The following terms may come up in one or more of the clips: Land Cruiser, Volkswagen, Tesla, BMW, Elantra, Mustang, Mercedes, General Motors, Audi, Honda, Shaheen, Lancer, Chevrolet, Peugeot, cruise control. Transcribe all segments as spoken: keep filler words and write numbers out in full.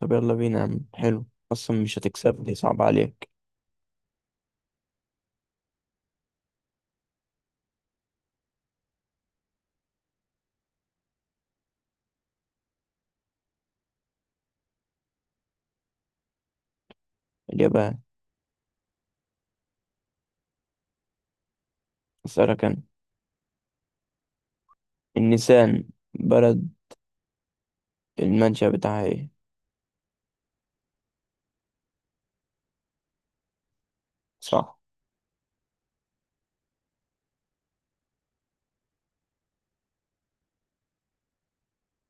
طب يلا بينا يا عم. حلو، أصلا مش هتكسبني، صعب عليك. اليابان. أسألك أنا، النسان بلد المنشأ بتاعها إيه؟ صح.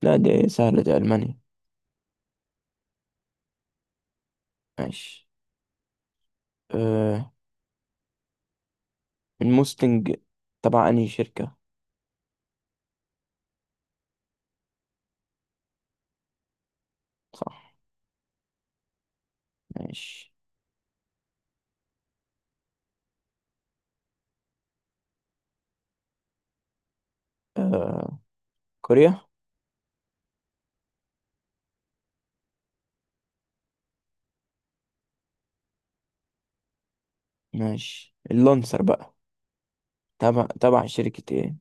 لا دي سهلة، دي ألمانيا. ماشي. أه، الموستنج تبع أنهي شركة؟ صح. ماشي. أه، كوريا. ماشي، اللانسر بقى تبع تبع شركة إيه؟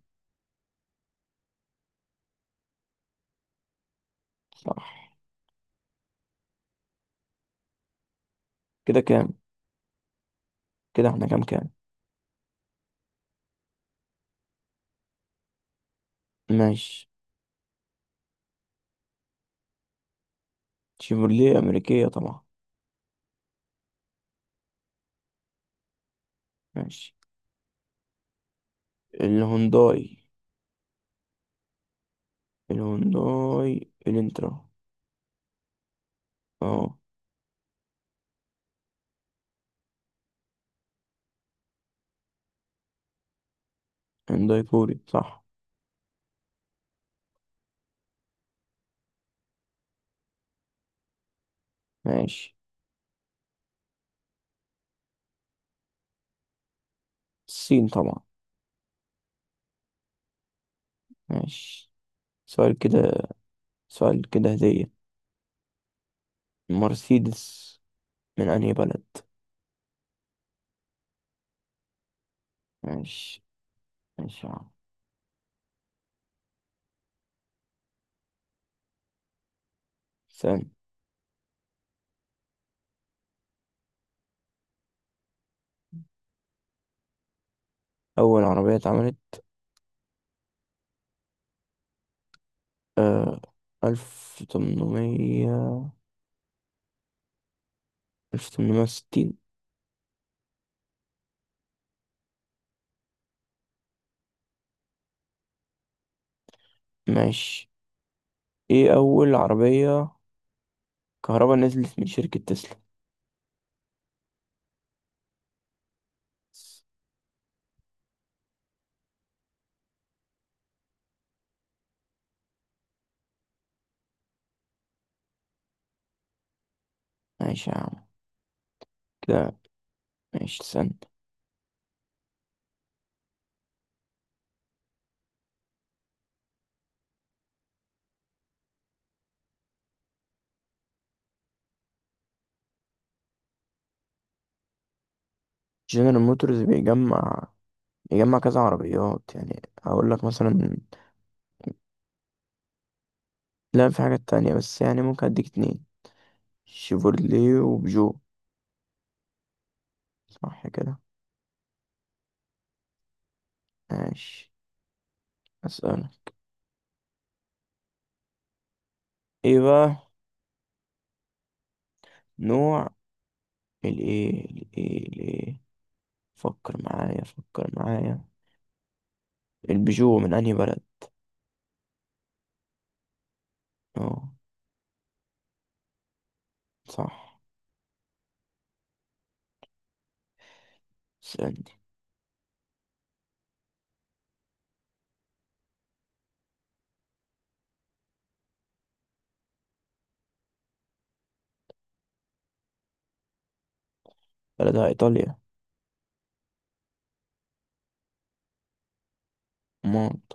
صح. كده كام؟ كده إحنا كام كام؟ ماشي. شيفروليه أمريكية طبعا. ماشي، الهونداي الهونداي الانترا. اه، هنداي كوري صح. ماشي. الصين طبعا. ماشي. سؤال كده، سؤال كده هدية، مرسيدس من أنهي بلد؟ ماشي ماشي يا عم. ثاني. أول عربية اتعملت، آه ألف تمنمية، ألف تمنمية وستين. ماشي. ايه أول عربية كهرباء نزلت من شركة تسلا؟ ماشي يا عم. كده ماشي ثاني. جنرال موتورز بيجمع، بيجمع كذا عربيات، يعني هقول لك مثلا، لا في حاجات تانية، بس يعني ممكن أديك اتنين، شيفورلي وبيجو. صح كده. ماشي، أسألك. إيه بقى نوع الإيه الإيه الإيه، فكر معايا، فكر معايا، البيجو من أنهي بلد؟ أه، صح. اسألني. بلدها إيطاليا. مونت.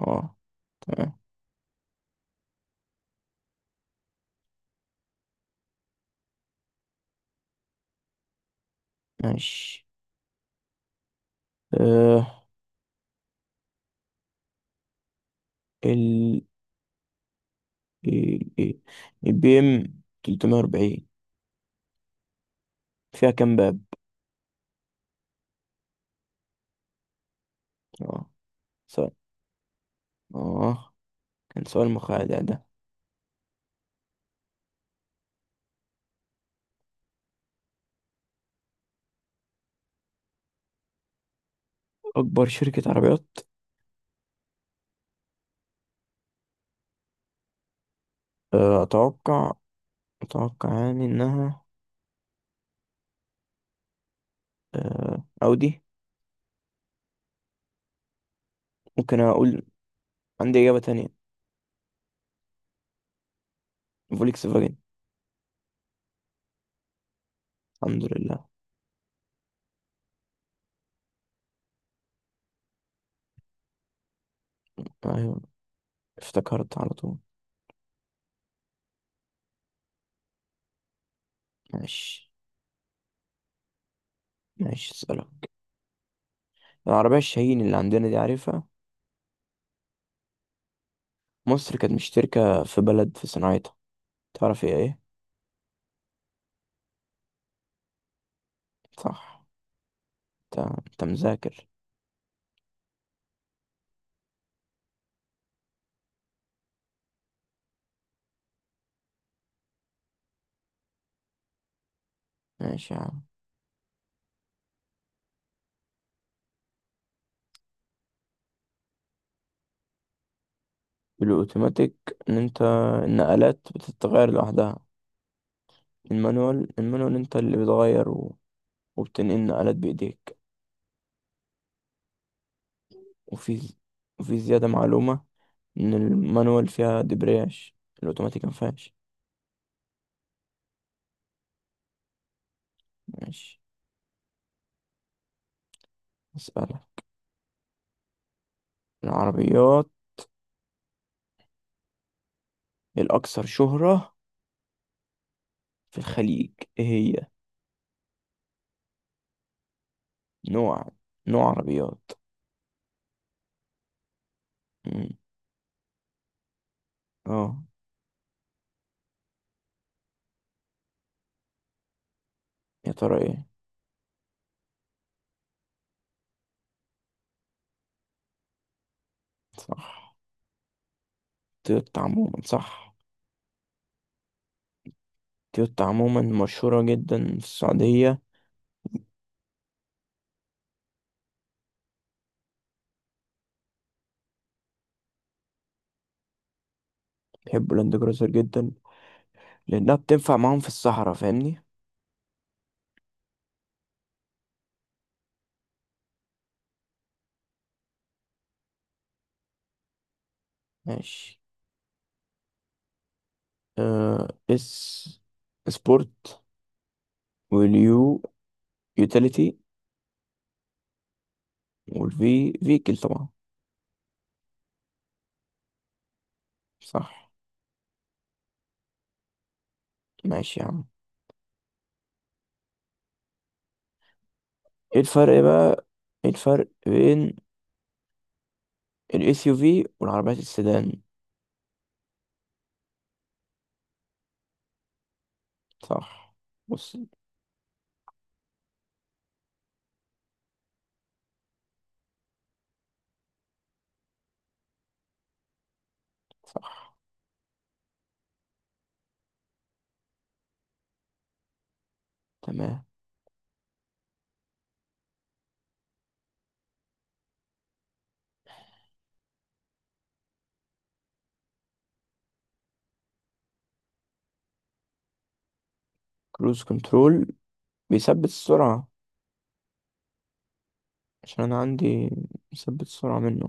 أه، تمام. ماشي. أه ال ال- ال- البي إم تلتمية وأربعين، فيها كام باب؟ أه، سؤال، أه، كان سؤال مخادع ده. أكبر شركة عربيات، آه، أتوقع، أتوقع يعني إنها، آه، أودي. ممكن أقول، عندي إجابة تانية، فولكس فاجن. الحمد لله. أيوة، افتكرت على طول. ماشي. ماشي، أسألك، العربية الشاهين اللي عندنا دي عارفها؟ مصر كانت مشتركة في بلد في صناعتها، تعرف هي إيه؟ صح. أنت، أنت مذاكر. ماشي يا عم. الأوتوماتيك، إن أنت النقلات بتتغير لوحدها. المانوال، المانوال أنت اللي بتغير، و... وبتنقل نقلات بإيديك. وفي ز- وفي زيادة معلومة، إن المانوال فيها دبرياج، الأوتوماتيك مفيهاش. ماشي. أسألك، العربيات الأكثر شهرة في الخليج إيه هي؟ نوع، نوع عربيات. مم. اه، يا ترى إيه؟ صح. تويوتا عموما صح. تويوتا عموما مشهورة جدا في السعودية. بيحبوا لاند كروزر جدا، لأنها بتنفع معاهم في الصحراء، فاهمني؟ ماشي. آه، اس سبورت، واليو يوتيليتي، والفي فيكل طبعا. صح. ماشي يا عم. ايه الفرق بقى، ايه الفرق بين الاس يو في والعربيات السيدان؟ صح. بص. تمام. كروز كنترول بيثبت السرعة، عشان انا عندي مثبت السرعة منه.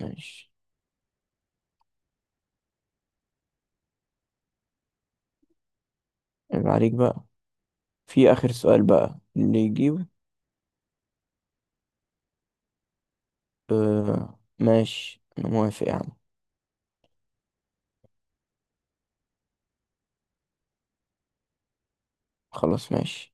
ماشي. عيب عليك بقى، في اخر سؤال بقى اللي يجيبه. آه ماشي انا موافق يا عم. خلاص ماشي.